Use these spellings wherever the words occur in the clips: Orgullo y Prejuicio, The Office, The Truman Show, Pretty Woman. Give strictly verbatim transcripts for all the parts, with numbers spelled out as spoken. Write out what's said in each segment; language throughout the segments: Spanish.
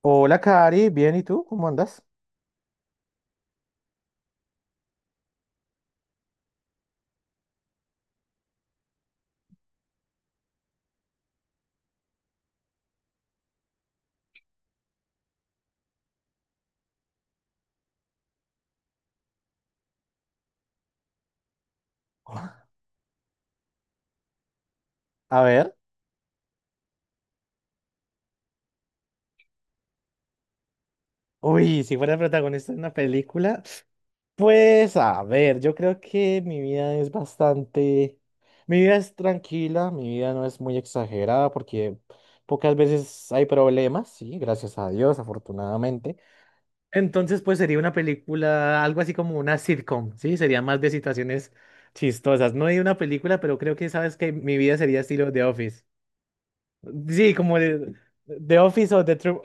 Hola, Cari, bien, ¿y tú? ¿Cómo andas? A ver, uy, si fuera protagonista de una película, pues a ver, yo creo que mi vida es bastante, mi vida es tranquila, mi vida no es muy exagerada porque pocas veces hay problemas, sí, gracias a Dios, afortunadamente. Entonces, pues sería una película, algo así como una sitcom, sí, sería más de situaciones chistosas, no hay una película, pero creo que sabes que mi vida sería estilo The Office. Sí, como de The Office o The Tru-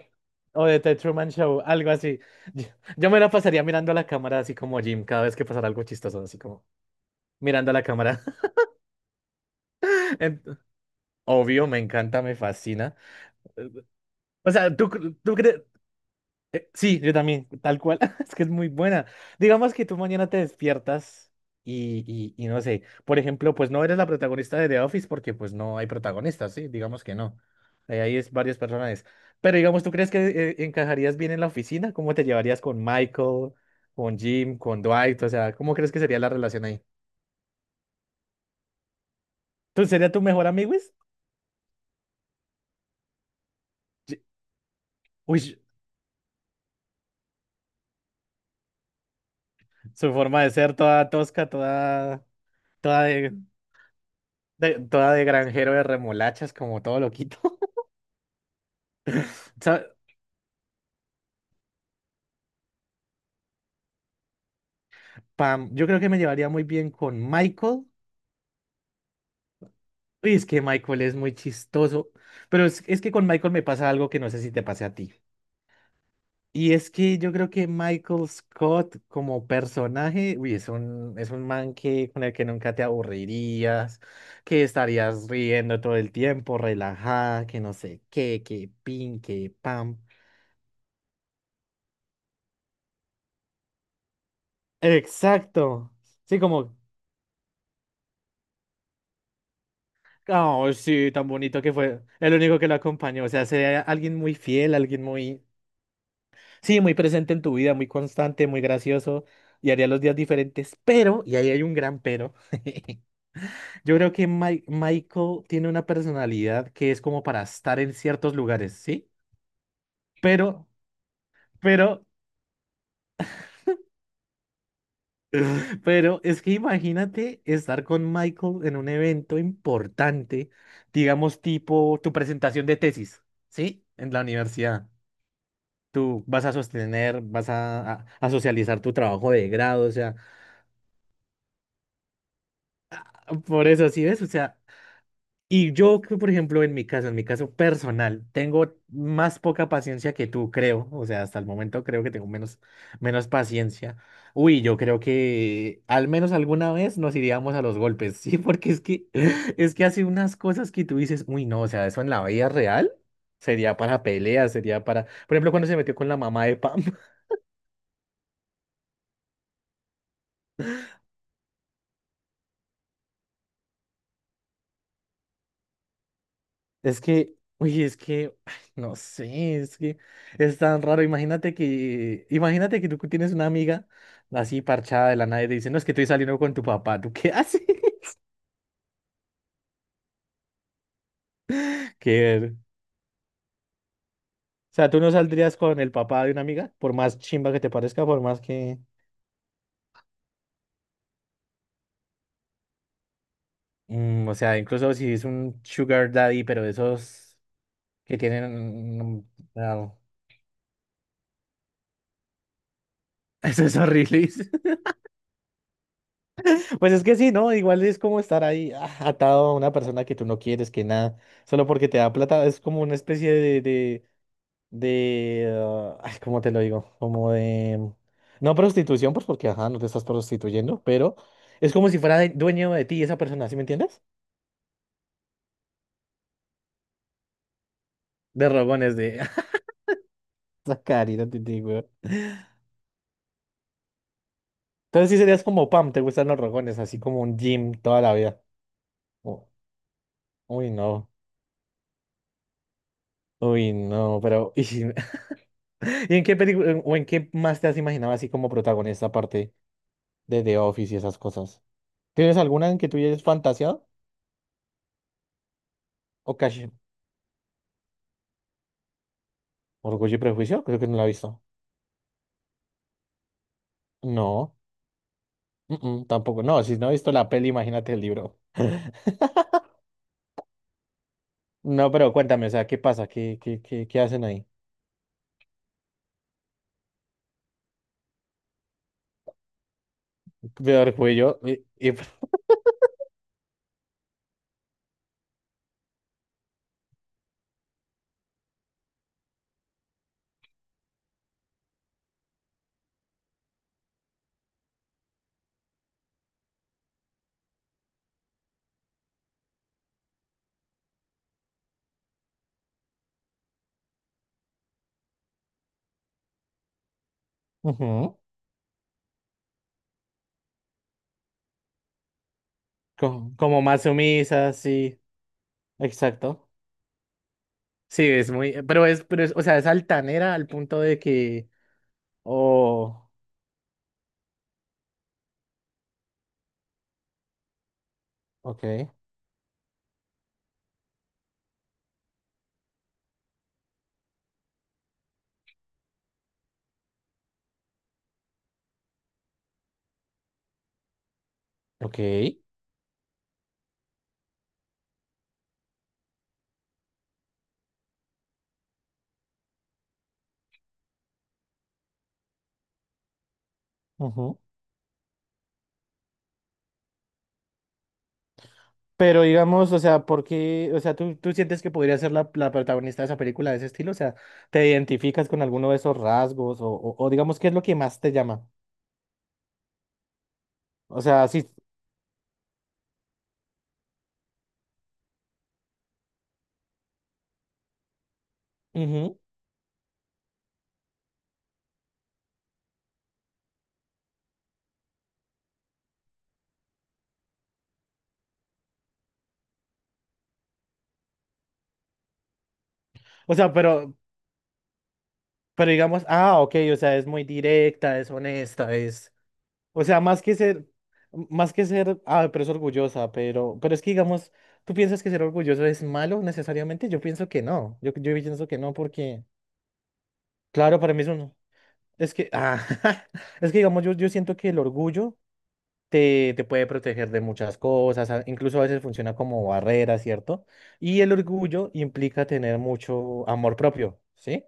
o de The Truman Show, algo así. Yo, yo me la pasaría mirando a la cámara así como Jim, cada vez que pasara algo chistoso, así como mirando a la cámara. En- Obvio, me encanta, me fascina. O sea, ¿tú, cre- ¿tú crees? Eh, Sí, yo también, tal cual. Es que es muy buena. Digamos que tú mañana te despiertas y, y, y no sé, por ejemplo, pues no eres la protagonista de The Office porque pues no hay protagonistas, ¿sí? Digamos que no. Eh, Ahí es varios personajes. Pero digamos, ¿tú crees que eh, encajarías bien en la oficina? ¿Cómo te llevarías con Michael, con Jim, con Dwight? O sea, ¿cómo crees que sería la relación ahí? ¿Tú sería tu mejor amigo? Wiz? Ye- Uy, su forma de ser toda tosca, toda, toda de, de- toda de granjero de remolachas, como todo loquito. Pam, yo creo que me llevaría muy bien con Michael. Uy, es que Michael es muy chistoso, pero es, es que con Michael me pasa algo que no sé si te pase a ti. Y es que yo creo que Michael Scott como personaje, uy, es un, es un man que, con el que nunca te aburrirías, que estarías riendo todo el tiempo, relajada, que no sé qué, que pin, que pam. Exacto. Sí, como, oh, sí, tan bonito que fue. El único que lo acompañó. O sea, sea alguien muy fiel, alguien muy. Sí, muy presente en tu vida, muy constante, muy gracioso y haría los días diferentes, pero, y ahí hay un gran pero, yo creo que Mi- Michael tiene una personalidad que es como para estar en ciertos lugares, ¿sí? Pero, pero, pero es que imagínate estar con Michael en un evento importante, digamos tipo tu presentación de tesis, ¿sí? En la universidad. Tú vas a sostener, vas a, a a socializar tu trabajo de grado, o sea, por eso, ¿sí ves? O sea... Y yo, que, por ejemplo, en mi caso, en mi caso personal, tengo más poca paciencia que tú, creo. O sea, hasta el momento creo que tengo menos, menos paciencia. Uy, yo creo que al menos alguna vez nos iríamos a los golpes, ¿sí? Porque es que, es que hace unas cosas que tú dices, uy, no, o sea, eso en la vida real sería para peleas, sería para... Por ejemplo, cuando se metió con la mamá de Pam. Es que, uy, es que, ay, No sé, es que es tan raro. Imagínate que, imagínate que tú tienes una amiga así parchada de la nada y te dice, no, es que estoy saliendo con tu papá. ¿Tú qué haces? ¿Qué? O sea, tú no saldrías con el papá de una amiga, por más chimba que te parezca, por más que, mm, o sea, incluso si es un sugar daddy, pero esos que tienen, mm, no, eso es horrible. Pues es que sí, ¿no? Igual es como estar ahí ah, atado a una persona que tú no quieres, que nada, solo porque te da plata, es como una especie de, de, de, ah, ay, ¿cómo te lo digo? Como de, no prostitución, pues porque, ajá, no te estás prostituyendo, pero es como si fuera de- dueño de ti esa persona, ¿sí me entiendes? De rogones, de sacar y no te digo. Weón. Entonces sí serías como Pam, te gustan los rogones, así como un gym toda la vida. U- Uy, no, uy, no, pero ¿Y en qué película o en qué más te has imaginado así como protagonista aparte de The Office y esas cosas? ¿Tienes alguna en que tú hayas fantaseado? ¿O casi Orgullo y Prejuicio? Creo que no la he visto. No, mm, mm, tampoco. No, si no he visto la peli, imagínate el libro. No, pero cuéntame, o sea, ¿qué pasa? ¿Qué, qué, qué, ¿qué hacen ahí? De Orgullo y... y- Ujú. Co- Como más sumisa, sí. Exacto. Sí, es muy... Pero es, pero es, o sea, es altanera al punto de que... Oh, ok. Ok. Ujú. Pero digamos, o sea, ¿por qué? O sea, ¿tú, ¿tú sientes que podría ser la, la protagonista de esa película de ese estilo? O sea, ¿te identificas con alguno de esos rasgos? O, o, o digamos, ¿qué es lo que más te llama? O sea, sí. Ujú. O sea, pero, pero digamos, ah, ok, o sea, es muy directa, es honesta, es. O sea, más que ser, Más que ser, ah, pero es orgullosa, pero, pero es que digamos, ¿tú piensas que ser orgulloso es malo necesariamente? Yo pienso que no. Yo, yo pienso que no, porque, claro, para mí es un. Es que, ah, es que digamos, yo, yo siento que el orgullo te, te puede proteger de muchas cosas, a- incluso a veces funciona como barrera, ¿cierto? Y el orgullo implica tener mucho amor propio, ¿sí?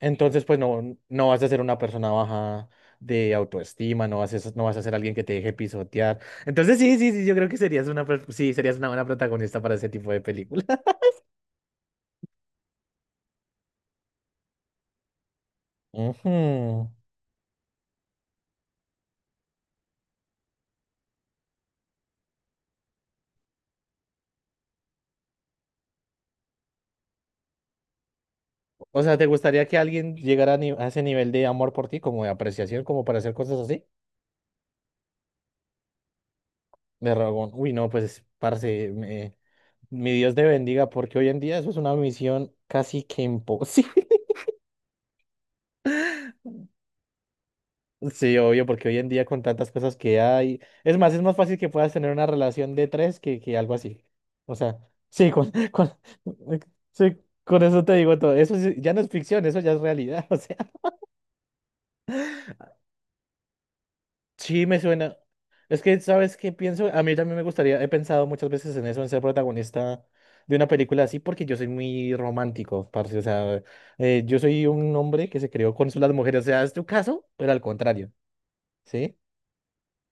Entonces, pues no, no vas a ser una persona baja de autoestima, no vas a, ser- no vas a ser alguien que te deje pisotear. Entonces, sí, sí, sí, yo creo que serías una, per- sí, serías una buena protagonista para ese tipo de película. Ujú. O sea, ¿te gustaría que alguien llegara a, ni- a ese nivel de amor por ti, como de apreciación, como para hacer cosas así? De Ragón. Uy, no, pues, parce, me- mi Dios te bendiga, porque hoy en día eso es una misión casi que imposible. Sí, obvio, porque hoy en día con tantas cosas que hay. Es más, es más fácil que puedas tener una relación de tres que, que algo así. O sea, sí, con, con, sí, con eso te digo todo. Eso sí, ya no es ficción, eso ya es realidad. Sí, me suena. Es que, ¿sabes qué pienso? A mí también me gustaría, he pensado muchas veces en eso, en ser protagonista de una película así, porque yo soy muy romántico, parce. O sea, eh, yo soy un hombre que se creó con las mujeres. O sea, es tu caso, pero al contrario, ¿sí?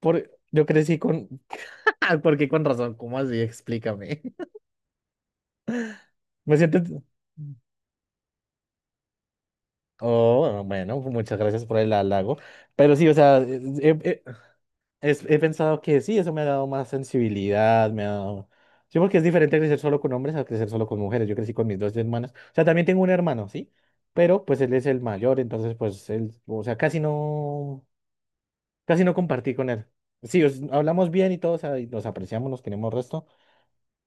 Por, yo crecí con... ¿Por qué con razón? ¿Cómo así? Explícame. Me siento... Oh, bueno, muchas gracias por el halago. Pero sí, o sea, eh, eh, es- he pensado que sí, eso me ha dado más sensibilidad, me ha dado... Sí, porque es diferente crecer solo con hombres a crecer solo con mujeres. Yo crecí con mis dos hermanas. O sea, también tengo un hermano, ¿sí? Pero pues él es el mayor, entonces pues él, o sea, casi no, casi no compartí con él. Sí, os- hablamos bien y todo, o sea, y nos apreciamos, nos queremos resto,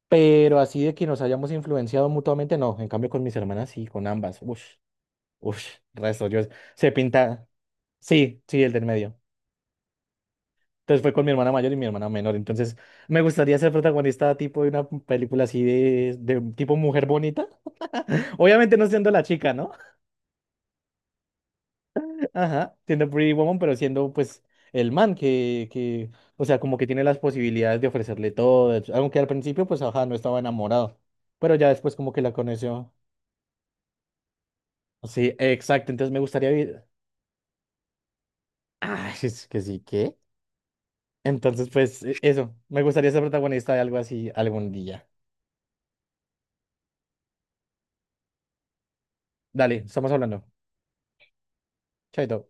pero así de que nos hayamos influenciado mutuamente, no. En cambio con mis hermanas sí, con ambas. Ush, ush, Resto, yo se pinta. Sí, sí, el del medio. Entonces fue con mi hermana mayor y mi hermana menor. Entonces me gustaría ser protagonista tipo de una película así de, de tipo mujer bonita. Obviamente no siendo la chica, ¿no? Ajá, siendo Pretty Woman, pero siendo pues el man que, que, o sea, como que tiene las posibilidades de ofrecerle todo. Aunque al principio pues, ajá, no estaba enamorado. Pero ya después como que la conoció. Sí, exacto. Entonces me gustaría vivir. Ah, es que sí, ¿qué? Entonces pues e- eso, me gustaría ser protagonista de algo así algún día. Dale, estamos hablando. Chaito.